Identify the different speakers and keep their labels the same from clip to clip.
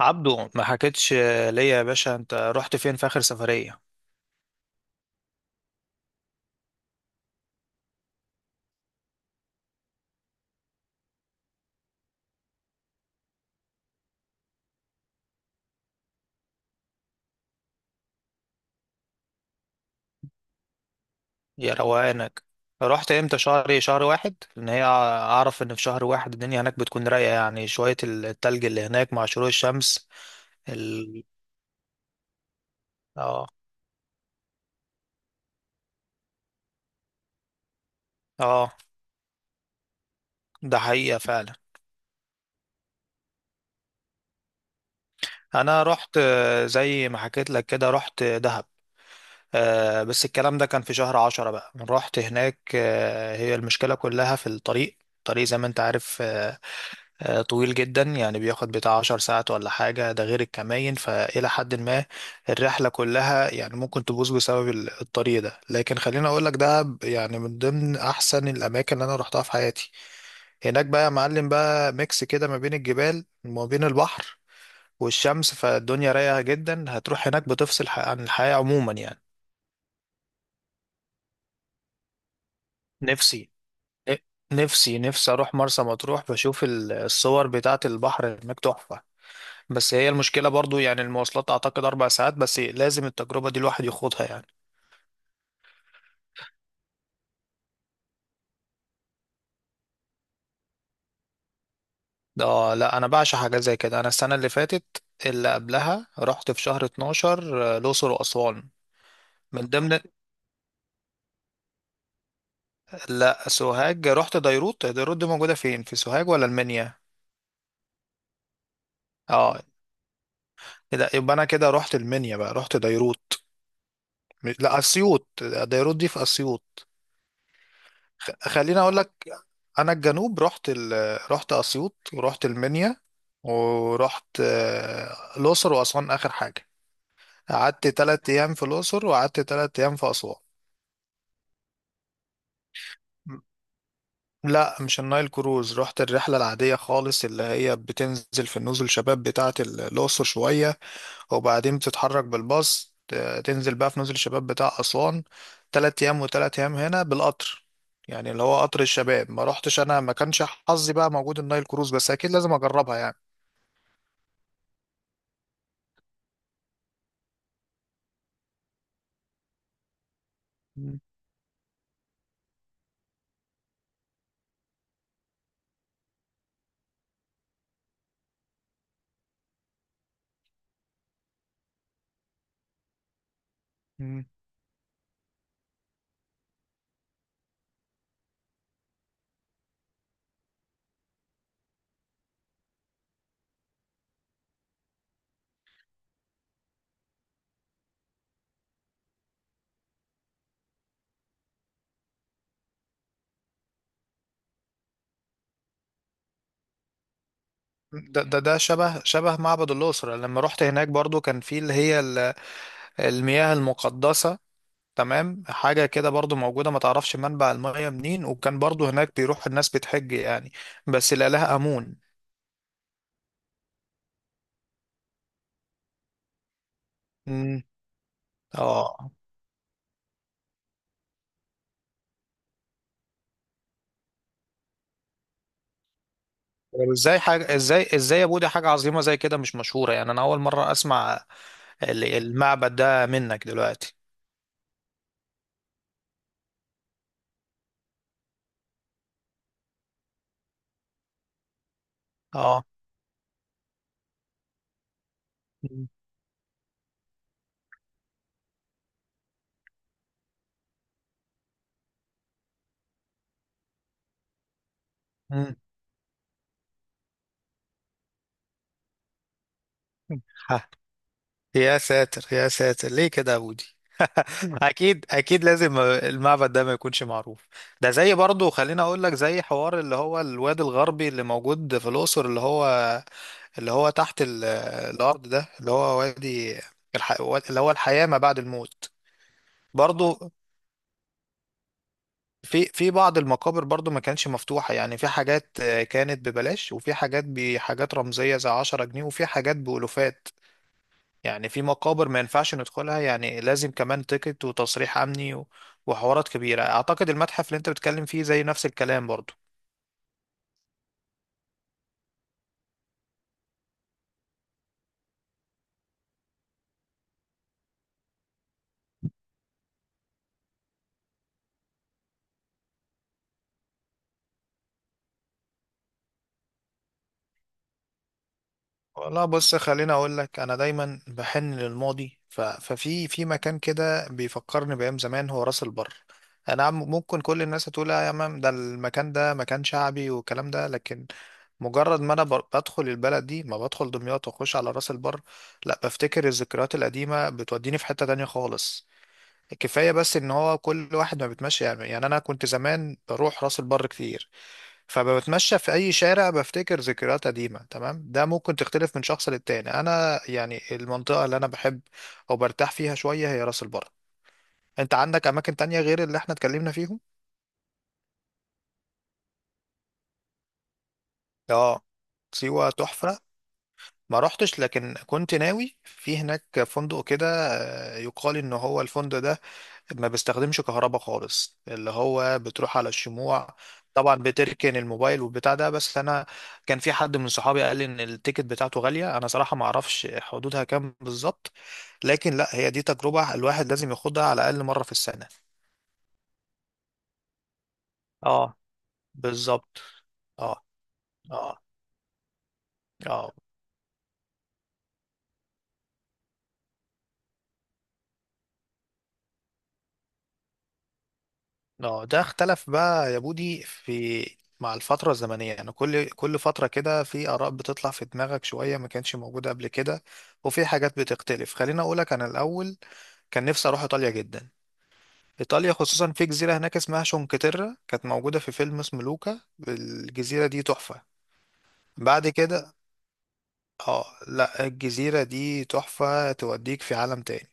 Speaker 1: عبدو ما حكيتش ليا يا باشا، انت رحت فين في اخر سفرية؟ يا روقانك، رحت امتى؟ شهر ايه؟ شهر واحد؟ ان هي اعرف ان في شهر واحد الدنيا هناك بتكون رايقة، يعني شوية التلج اللي هناك مع شروق الشمس. ال... اه، اه. ده حقيقة فعلا. انا رحت، زي ما حكيت لك كده، رحت دهب. آه، بس الكلام ده كان في شهر عشرة. بقى رحت هناك، آه، هي المشكلة كلها في الطريق. الطريق زي ما انت عارف، طويل جدا، يعني بياخد بتاع 10 ساعات ولا حاجة، ده غير الكماين، فإلى حد ما الرحلة كلها يعني ممكن تبوظ بسبب الطريق ده. لكن خليني أقولك، يعني من ضمن أحسن الأماكن اللي أنا روحتها في حياتي. هناك بقى يا معلم، بقى ميكس كده ما بين الجبال وما بين البحر والشمس، فالدنيا رايقة جدا. هتروح هناك بتفصل عن الحياة عموما يعني. نفسي نفسي أروح مرسى مطروح، بشوف الصور بتاعة البحر هناك تحفة. بس هي المشكلة برضو يعني المواصلات، أعتقد 4 ساعات، بس لازم التجربة دي الواحد يخوضها يعني. ده، لا، أنا بعشق حاجة زي كده. أنا السنة اللي فاتت اللي قبلها رحت في شهر 12، الأقصر وأسوان. من ضمن... لا، سوهاج رحت ديروت. ديروت دي موجودة فين، في سوهاج ولا المنيا؟ اه. لا، يبقى أنا كده رحت المنيا. بقى رحت ديروت. لا، أسيوط. ديروت دي في أسيوط. خليني أقول لك، انا الجنوب رحت رحت اسيوط، ورحت المنيا، ورحت، الاقصر واسوان اخر حاجه. قعدت 3 ايام في الاقصر، وقعدت 3 ايام في اسوان. لا، مش النايل كروز، رحت الرحلة العادية خالص، اللي هي بتنزل في النزل شباب بتاعة الأقصر شوية، وبعدين بتتحرك بالباص، تنزل بقى في نزل شباب بتاع أسوان. 3 أيام وتلات أيام هنا بالقطر، يعني اللي هو قطر الشباب. ما رحتش أنا، ما كانش حظي بقى موجود النايل كروز، بس أكيد لازم أجربها يعني. مم. ده شبه معبد الأقصر، لما رحت هناك برضو كان في اللي هي المياه المقدسة. تمام، حاجة كده برضو موجودة، ما تعرفش منبع المياه منين، وكان برضو هناك بيروح الناس بتحج يعني، بس الإله آمون. مم. اه، طب ازاي حاجة ازاي يا بودي، حاجة عظيمة زي كده مش مشهورة؟ يعني أنا أول مرة أسمع المعبد ده منك دلوقتي. اه. مم. مم. يا ساتر، يا ساتر، ليه كده يا بودي؟ اكيد، اكيد لازم المعبد ده ما يكونش معروف. ده زي برضه، خليني اقول لك، زي حوار اللي هو الواد الغربي اللي موجود في الاقصر، اللي هو اللي هو تحت الارض ده، اللي هو وادي الح... اللي هو الحياة ما بعد الموت. برضه في بعض المقابر برضه ما كانتش مفتوحة يعني. في حاجات، كانت ببلاش، وفي حاجات بحاجات رمزية زي 10 جنيه، وفي حاجات بألوفات يعني. في مقابر ما ينفعش ندخلها، يعني لازم كمان تيكت وتصريح امني وحوارات كبيره. اعتقد المتحف اللي انت بتتكلم فيه زي نفس الكلام برضو. والله بص، خليني اقول لك، انا دايما بحن للماضي، ف... ففي في مكان كده بيفكرني بايام زمان، هو راس البر. ممكن كل الناس هتقول آه يا مام، ده المكان ده مكان شعبي والكلام ده، لكن مجرد ما انا بدخل البلد دي، ما بدخل دمياط واخش على راس البر، لا بفتكر الذكريات القديمه، بتوديني في حته تانية خالص. كفاية بس ان هو كل واحد ما بيتمشى، يعني انا كنت زمان بروح راس البر كتير، فبتمشى في اي شارع بفتكر ذكريات قديمة. تمام، ده ممكن تختلف من شخص للتاني. انا يعني المنطقة اللي انا بحب او برتاح فيها شوية هي راس البر. انت عندك اماكن تانية غير اللي احنا اتكلمنا فيهم؟ اه، سيوة تحفة، ما رحتش، لكن كنت ناوي. في هناك فندق كده، يقال ان هو الفندق ده ما بستخدمش كهرباء خالص، اللي هو بتروح على الشموع. طبعا بتركن الموبايل والبتاع ده. بس انا كان في حد من صحابي قال لي ان التيكت بتاعته غالية، انا صراحة ما اعرفش حدودها كام بالظبط. لكن لا، هي دي تجربة الواحد لازم ياخدها على الاقل مرة في السنة. اه، بالظبط. اه، اه. اه. اه. ده اختلف بقى يا بودي. في مع الفترة الزمنية يعني، كل فترة كده في آراء بتطلع في دماغك شوية ما كانتش موجودة قبل كده، وفي حاجات بتختلف. خليني أقولك، أنا الأول كان نفسي أروح إيطاليا جدا. إيطاليا خصوصا، في جزيرة هناك اسمها شونكتيرا، كانت موجودة في فيلم اسمه لوكا. الجزيرة دي تحفة. بعد كده... اه، لا، الجزيرة دي تحفة، توديك في عالم تاني.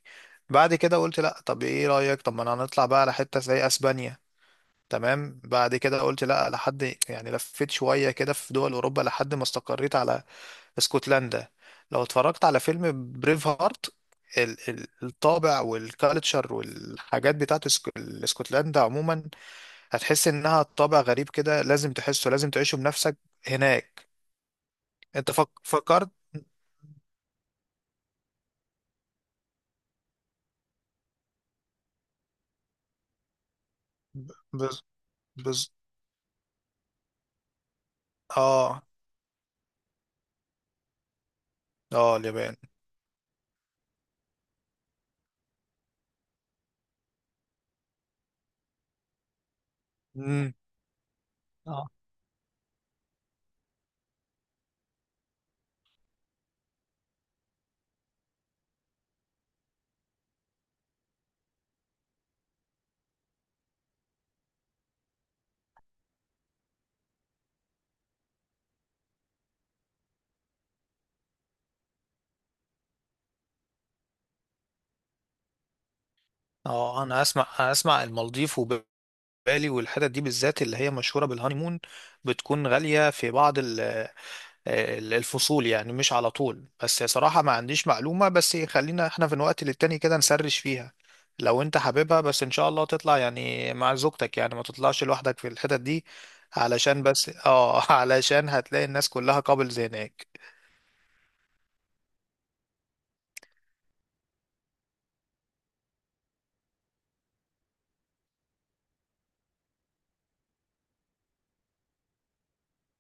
Speaker 1: بعد كده قلت لا، طب ايه رأيك، طب ما انا هنطلع بقى على حتة زي اسبانيا. تمام. بعد كده قلت لا، لحد، يعني لفيت شوية كده في دول أوروبا، لحد ما استقريت على اسكتلندا. لو اتفرجت على فيلم بريف هارت، الطابع والكالتشر والحاجات بتاعت اسكتلندا عموما، هتحس انها طابع غريب كده، لازم تحسه، لازم تعيشه بنفسك هناك. انت فكرت؟ ب- بز بز اه. اه، اليابان. مم. اه. اه، انا اسمع، المالديف، بالي، والحتت دي بالذات اللي هي مشهورة بالهانيمون. بتكون غالية في بعض الفصول، يعني مش على طول. بس صراحة ما عنديش معلومة، بس خلينا احنا في الوقت للتاني كده نسرش فيها لو انت حاببها. بس ان شاء الله تطلع يعني مع زوجتك، يعني ما تطلعش لوحدك في الحتت دي. علشان، بس اه، علشان هتلاقي الناس كلها قابلز هناك.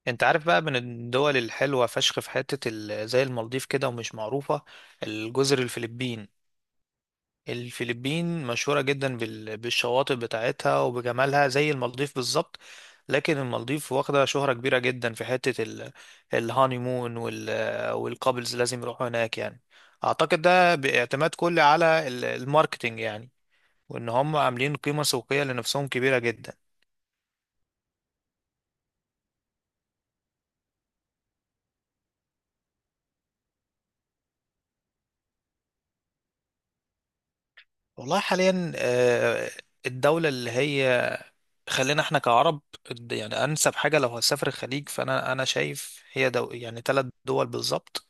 Speaker 1: انت عارف بقى، من الدول الحلوة فشخ في حتة زي المالديف كده ومش معروفة، الجزر الفلبين. الفلبين مشهورة جدا بالشواطئ بتاعتها وبجمالها، زي المالديف بالظبط. لكن المالديف واخدة شهرة كبيرة جدا في حتة الهانيمون والكابلز لازم يروحوا هناك يعني. أعتقد ده باعتماد كلي على الماركتينج يعني، وإن هم عاملين قيمة سوقية لنفسهم كبيرة جدا. والله حاليا، الدولة اللي هي... خلينا احنا كعرب، يعني انسب حاجه لو هتسافر الخليج، فانا شايف هي دو، يعني 3 دول بالظبط،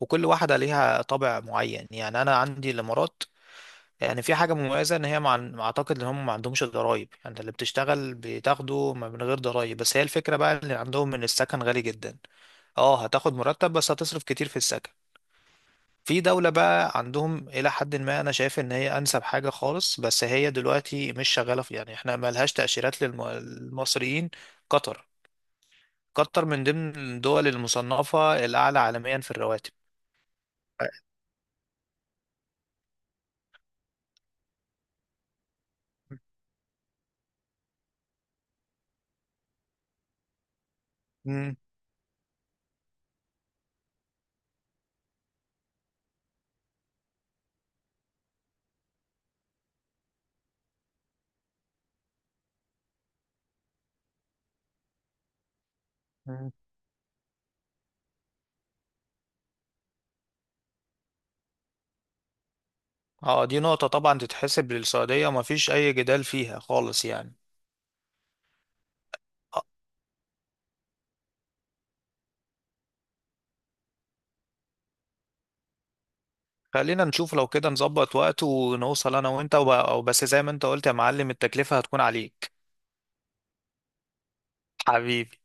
Speaker 1: وكل واحده ليها طابع معين. يعني انا عندي الامارات، يعني في حاجه مميزه ان هي مع... اعتقد ان هم ما عندهمش ضرايب، يعني اللي بتشتغل بتاخده من غير ضرايب، بس هي الفكره بقى اللي عندهم ان السكن غالي جدا. اه، هتاخد مرتب بس هتصرف كتير في السكن. في دولة بقى عندهم إلى حد ما أنا شايف إن هي أنسب حاجة خالص، بس هي دلوقتي مش شغالة، في يعني إحنا ملهاش تأشيرات للمصريين. قطر. قطر من ضمن الدول المصنفة الأعلى عالميا في الرواتب. مم. مم. اه، دي نقطة طبعا تتحسب للسعودية، ومفيش أي جدال فيها خالص يعني. آه، خلينا نشوف، لو كده نظبط وقت ونوصل أنا وأنت، بس زي ما أنت قلت يا معلم التكلفة هتكون عليك. حبيبي.